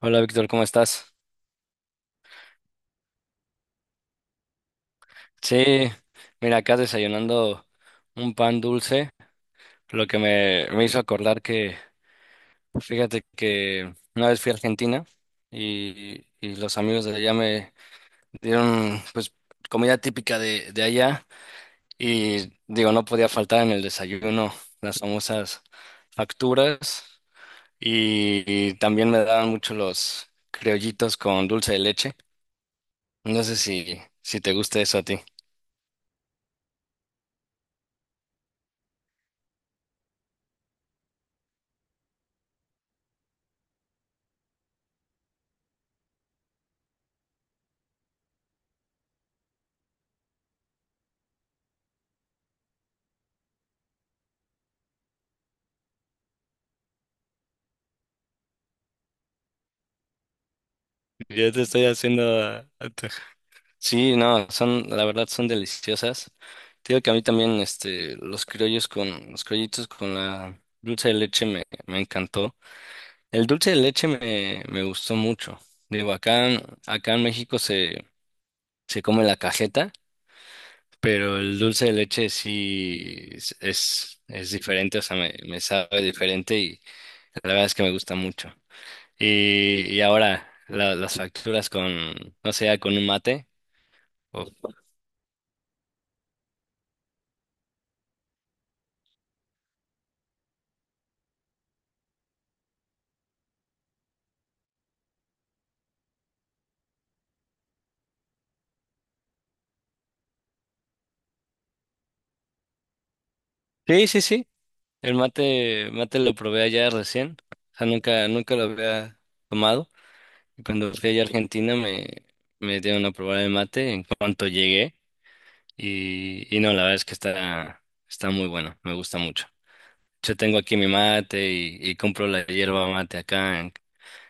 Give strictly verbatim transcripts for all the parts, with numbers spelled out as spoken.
Hola Víctor, ¿cómo estás? Sí, mira, acá desayunando un pan dulce, lo que me, me hizo acordar que, fíjate que una vez fui a Argentina y, y los amigos de allá me dieron pues comida típica de, de allá y digo, no podía faltar en el desayuno las famosas facturas y, y también me daban mucho los criollitos con dulce de leche. No sé si, si te gusta eso a ti. Ya te estoy haciendo a, a tu- Sí, no, son, la verdad son deliciosas. Te digo que a mí también, este, los criollos con, los criollitos con la dulce de leche me, me encantó. El dulce de leche me, me gustó mucho. Digo, acá, en- acá en México se, se come la cajeta, pero el dulce de leche sí es, es, es diferente, o sea, me, me sabe diferente y la verdad es que me gusta mucho. Y, y ahora, la- las facturas con, no sé, con un mate. o- Sí, sí, sí. El mate, mate lo probé allá recién, o sea, nunca, nunca lo había tomado. Y cuando fui allá a Argentina me, me dieron a probar el mate en cuanto llegué. Y, y no, la verdad es que está, está muy bueno, me gusta mucho. Yo tengo aquí mi mate y, y compro la hierba mate acá en,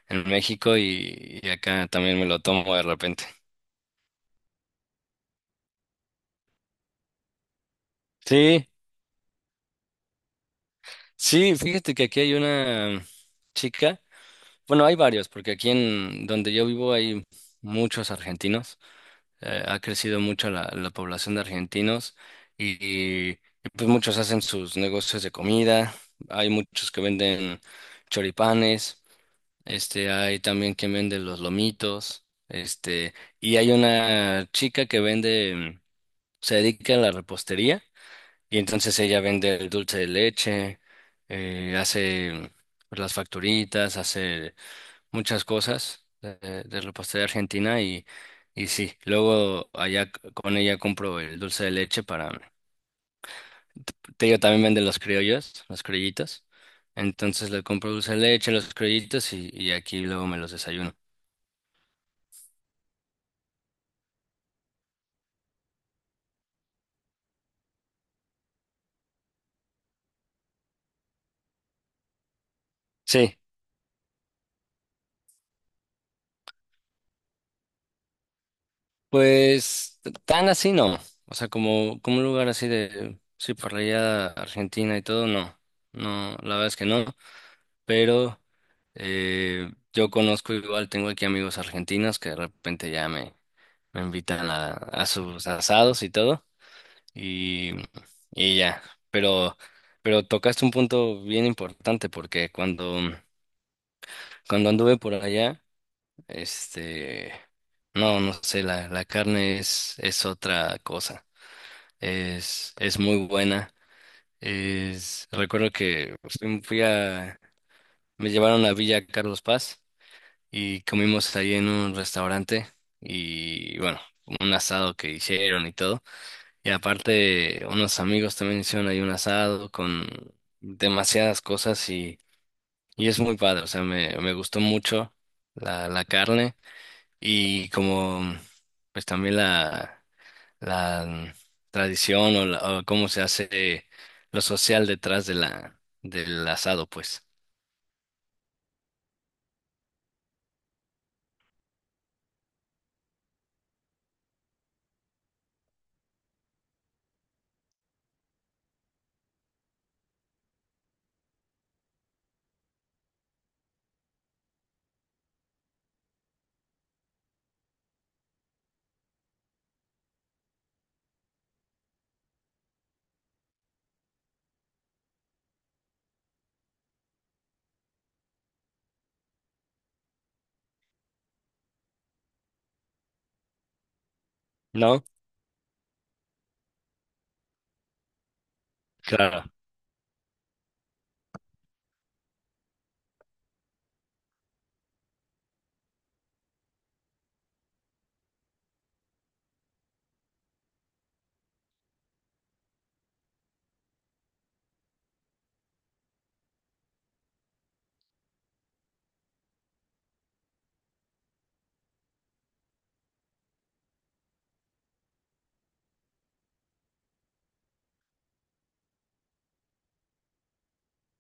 en México y, y acá también me lo tomo de repente. Sí, sí, fíjate que aquí hay una chica, bueno, hay varios, porque aquí en donde yo vivo hay muchos argentinos. Eh, ha crecido mucho la, la población de argentinos y, y, y, pues muchos hacen sus negocios de comida, hay muchos que venden choripanes, este, hay también quien vende los lomitos, este, y hay una chica que vende, mm, se dedica a la repostería y entonces ella vende el dulce de leche, eh, hace mm, las facturitas, hace muchas cosas de, de la pastelería argentina y, y sí, luego allá c- con ella compro el dulce de leche para... Te digo, también venden los criollos, las criollitas. Entonces le compro dulce de leche, los criollitos y, y aquí luego me los desayuno. Sí, pues t- tan así no. O sea, como, como un lugar así de... Sí, por allá Argentina y todo, no. No, la verdad es que no. Pero eh, yo conozco igual, tengo aquí amigos argentinos que de repente ya me... Me invitan a, a sus asados y todo. Y, y ya. Pero, pero tocaste un punto bien importante porque cuando, cuando anduve por allá, este, no, no sé, la, la carne es, es otra cosa. Es, es muy buena. Es, recuerdo que fui, fui a, me llevaron a Villa Carlos Paz y comimos ahí en un restaurante y bueno, un asado que hicieron y todo. Y aparte, unos amigos también hicieron ahí un asado con demasiadas cosas y, y es muy padre. O sea, me, me gustó mucho la, la carne y como pues también la, la tradición o, la- o cómo se hace lo social detrás de la, del asado, pues. ¿No? Claro.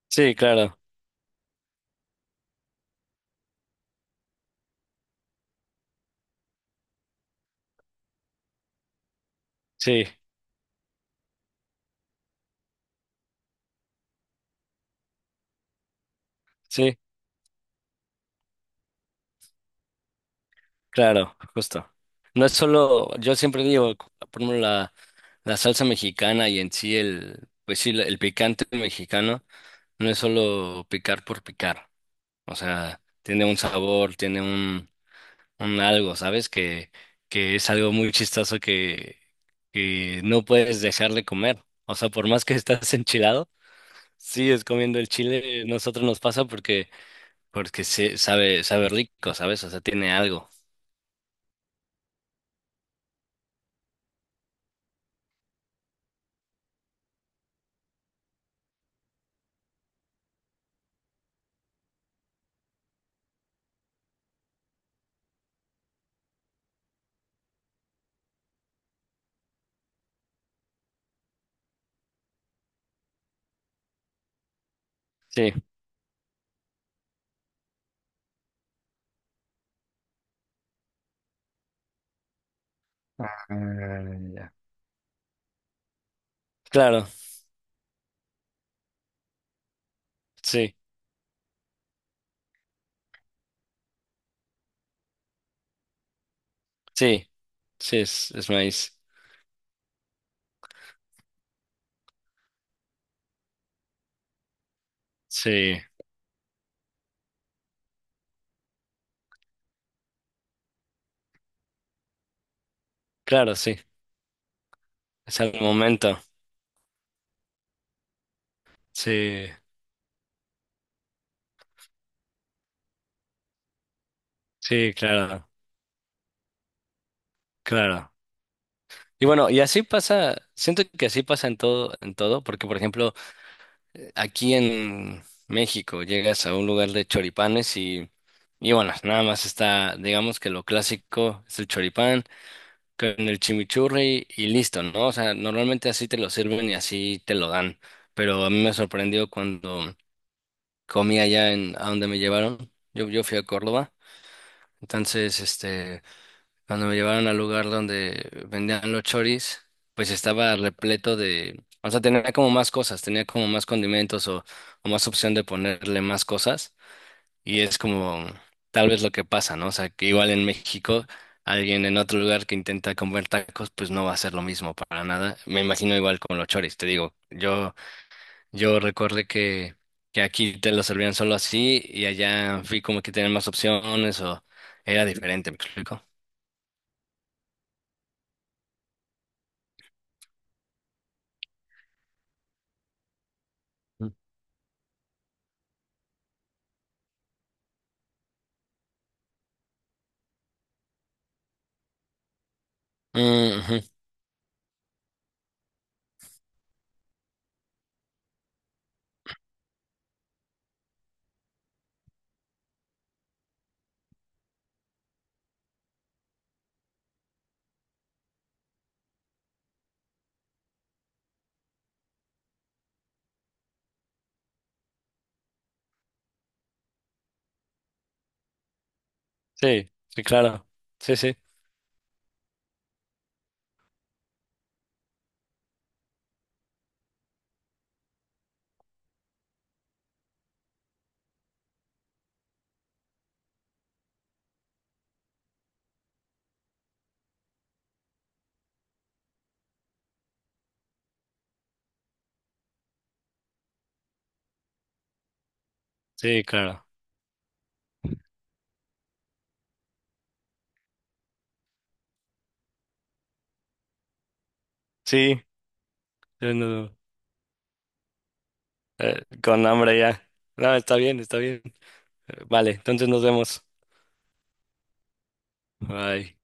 Sí, claro. Sí, sí. Claro, justo. No es solo, yo siempre digo, por ejemplo, la, la salsa mexicana y en sí el, pues sí, la- el picante mexicano no es solo picar por picar. O sea, tiene un sabor, tiene un, un algo, ¿sabes? Que, que es algo muy chistoso que, que no puedes dejar de comer. O sea, por más que estás enchilado, sigues comiendo el chile, nosotros nos pasa porque, porque se, sabe, sabe rico, ¿sabes? O sea, tiene algo. Sí. Ah, ya. Claro, sí, sí, sí, es, es maíz. Sí, claro, sí, es al momento. Sí, sí, claro, claro. Y bueno, y así pasa, siento que así pasa en todo, en todo, porque por ejemplo, aquí en México llegas a un lugar de choripanes y, y bueno, nada más está, digamos que lo clásico es el choripán con el chimichurri y listo, ¿no? O sea, normalmente así te lo sirven y así te lo dan, pero a mí me sorprendió cuando comí allá en a donde me llevaron. Yo, yo fui a Córdoba. Entonces, este, cuando me llevaron al lugar donde vendían los choris, pues estaba repleto de, o sea, tenía como más cosas, tenía como más condimentos o, o más opción de ponerle más cosas. Y es como tal vez lo que pasa, ¿no? O sea, que igual en México, alguien en otro lugar que intenta comer tacos, pues no va a ser lo mismo para nada. Me imagino igual con los choris, te digo, yo yo recuerdo que, que aquí te lo servían solo así y allá fui como que tenían más opciones o era diferente, ¿me explico? Mm. Mm, ujú. Sí, sí, claro. Sí, sí, sí, claro. Sí, yo no- eh, con hambre ya. No, está bien, está bien. Eh, Vale, entonces nos vemos. Bye.